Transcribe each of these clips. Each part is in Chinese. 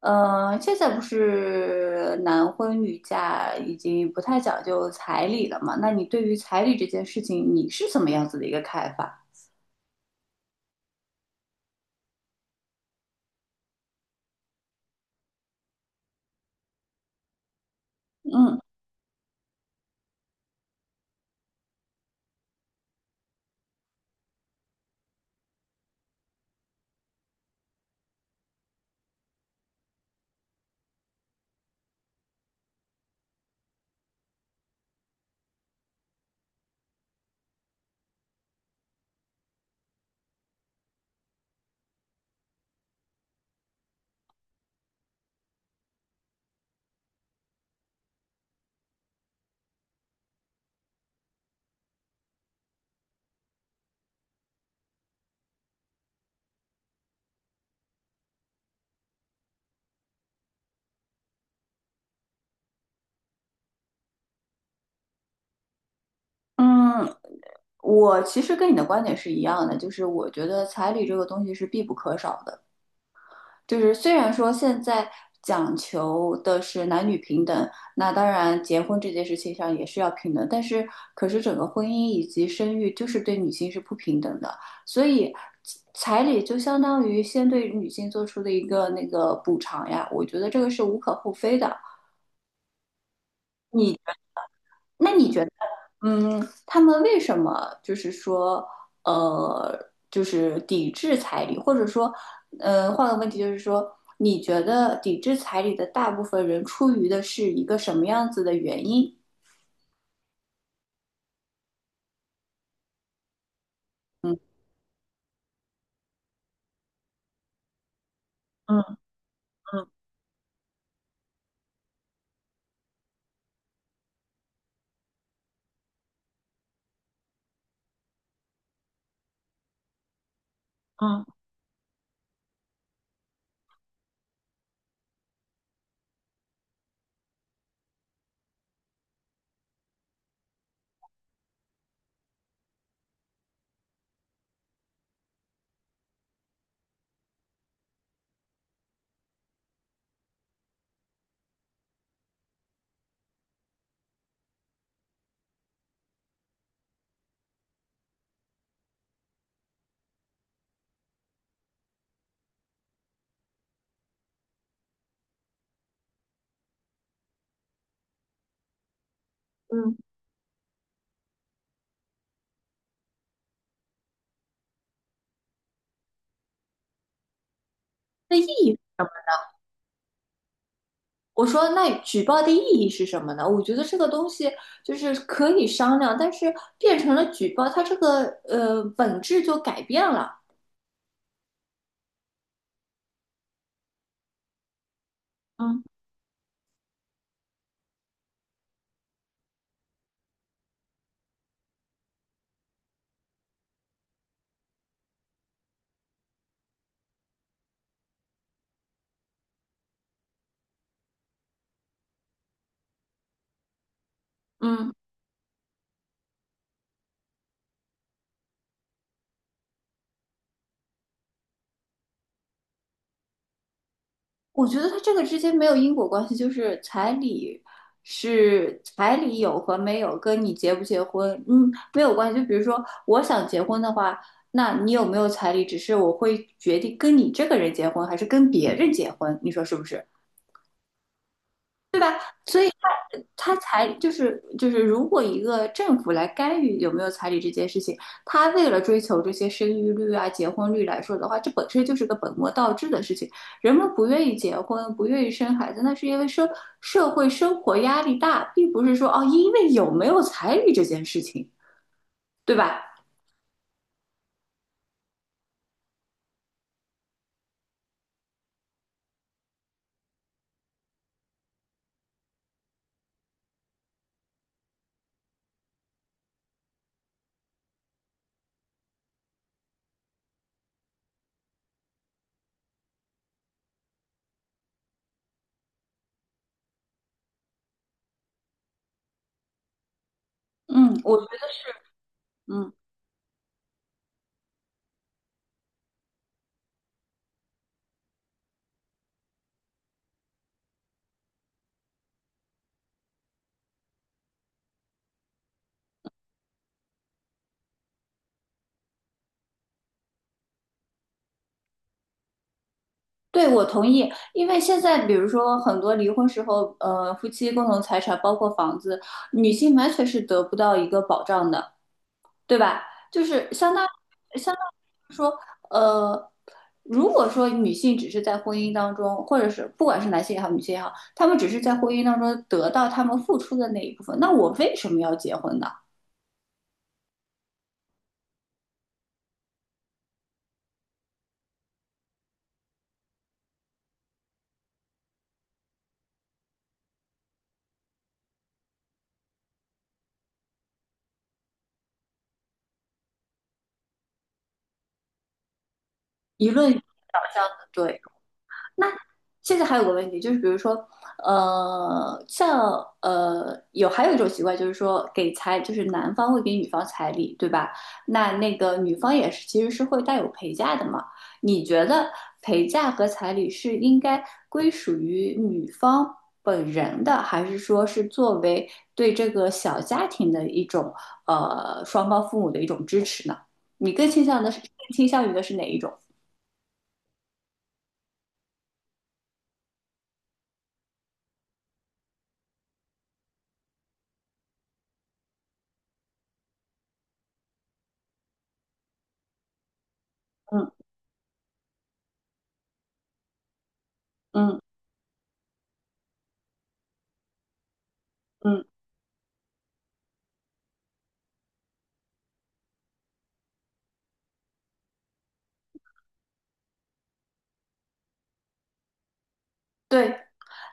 现在不是男婚女嫁已经不太讲究彩礼了嘛？那你对于彩礼这件事情，你是怎么样子的一个看法？嗯嗯。我其实跟你的观点是一样的，就是我觉得彩礼这个东西是必不可少的。就是虽然说现在讲求的是男女平等，那当然结婚这件事情上也是要平等，但是可是整个婚姻以及生育就是对女性是不平等的，所以彩礼就相当于先对女性做出的一个那个补偿呀，我觉得这个是无可厚非的。你，那你觉嗯，他们为什么就是说，就是抵制彩礼，或者说，换个问题就是说，你觉得抵制彩礼的大部分人出于的是一个什么样子的原因？嗯，嗯，嗯，嗯，嗯，那意义，我说那举报的意义是什么呢？我觉得这个东西就是可以商量，但是变成了举报，它这个本质就改变了。嗯嗯。我觉得它这个之间没有因果关系，就是彩礼有和没有跟你结不结婚，嗯，没有关系。就比如说我想结婚的话，那你有没有彩礼，只是我会决定跟你这个人结婚还是跟别人结婚，你说是不是？他彩就是就是，如果一个政府来干预有没有彩礼这件事情，他为了追求这些生育率啊、结婚率来说的话，这本身就是个本末倒置的事情。人们不愿意结婚，不愿意生孩子，那是因为社会生活压力大，并不是说哦，因为有没有彩礼这件事情，对吧？嗯，我觉得是，嗯，对，我同意，因为现在比如说很多离婚时候，夫妻共同财产包括房子，女性完全是得不到一个保障的。对吧？就是相当于说，呃，如果说女性只是在婚姻当中，或者是不管是男性也好，女性也好，他们只是在婚姻当中得到他们付出的那一部分，那我为什么要结婚呢？一论导向的，对。那现在还有个问题，就是比如说，还有一种习惯，就是说就是男方会给女方彩礼，对吧？那那个女方也是，其实是会带有陪嫁的嘛。你觉得陪嫁和彩礼是应该归属于女方本人的，还是说是作为对这个小家庭的一种双方父母的一种支持呢？你更倾向于的是哪一种？嗯。嗯。嗯。对，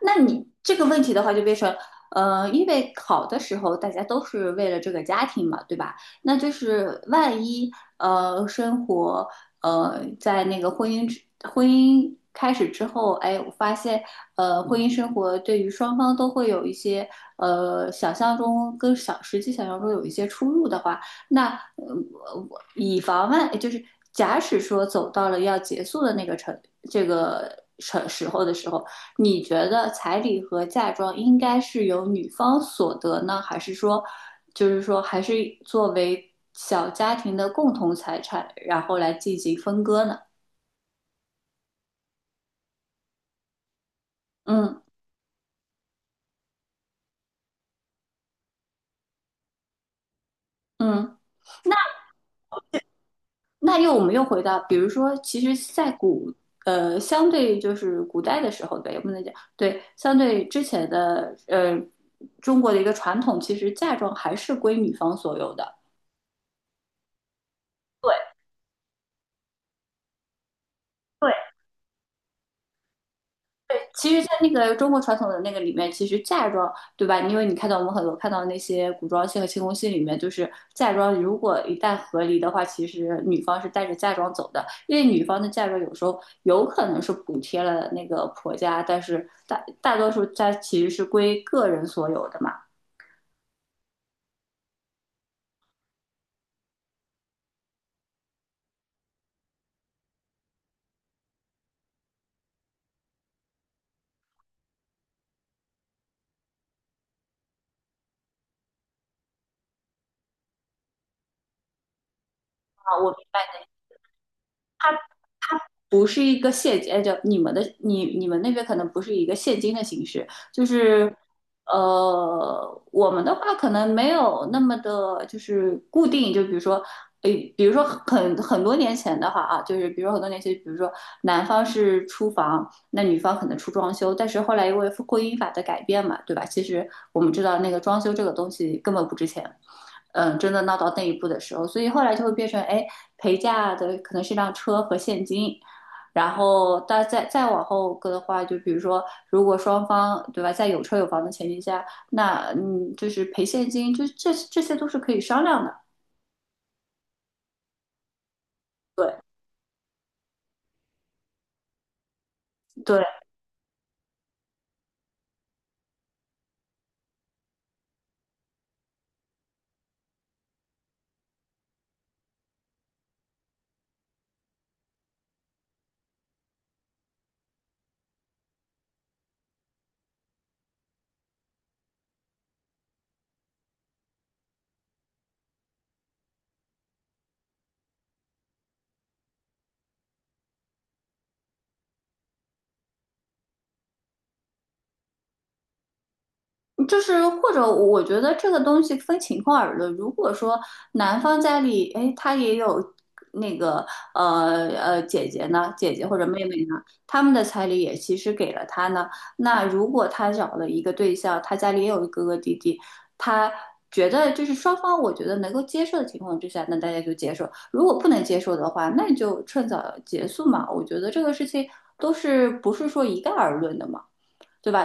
那你这个问题的话，就变成，因为考的时候大家都是为了这个家庭嘛，对吧？那就是万一，生活，在那个婚姻开始之后，哎，我发现，婚姻生活对于双方都会有一些，想象中跟想实际想象中有一些出入的话，那，呃，我以防万，就是假使说走到了要结束的那个程这个时候的时候。你觉得彩礼和嫁妆应该是由女方所得呢，还是说，还是作为小家庭的共同财产，然后来进行分割呢？嗯。嗯。那我们又回到，比如说，其实，相对就是古代的时候，对，我们能讲，对，相对之前的中国的一个传统，其实嫁妆还是归女方所有的。对，对，对，其实，在那个中国传统的那个里面，其实嫁妆，对吧？因为你看到我们看到那些古装戏和清宫戏里面，就是嫁妆，如果一旦和离的话，其实女方是带着嫁妆走的，因为女方的嫁妆有时候有可能是补贴了那个婆家，但是大多数家其实是归个人所有的嘛。啊，我明白，不是一个现金，哎，就你们的你们那边可能不是一个现金的形式，就是我们的话可能没有那么的，就是固定，就比如说。诶，比如说很多年前的话啊，就是比如说很多年前，比如说男方是出房，那女方可能出装修，但是后来因为婚姻法的改变嘛，对吧？其实我们知道那个装修这个东西根本不值钱，嗯，真的闹到那一步的时候，所以后来就会变成，哎，陪嫁的可能是辆车和现金，然后，但再往后搁的话，就比如说，如果双方对吧，在有车有房的前提下，那嗯，就是赔现金，这些都是可以商量的。对，对，就是或者我觉得这个东西分情况而论。如果说男方家里，哎，他也有那个姐姐呢，姐姐或者妹妹呢，他们的彩礼也其实给了他呢。那如果他找了一个对象，他家里也有一个哥哥弟弟，他觉得就是双方我觉得能够接受的情况之下，那大家就接受；如果不能接受的话，那你就趁早结束嘛。我觉得这个事情不是说一概而论的嘛。对吧？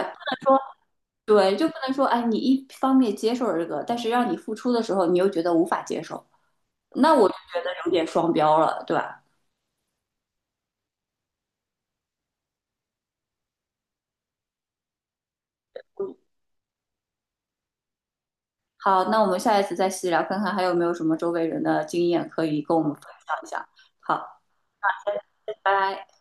对，就不能说，哎，你一方面接受这个，但是让你付出的时候，你又觉得无法接受，那我就觉得有点双标了，对吧？嗯。好，那我们下一次再细聊，看看还有没有什么周围人的经验可以跟我们分享一下。好，拜拜。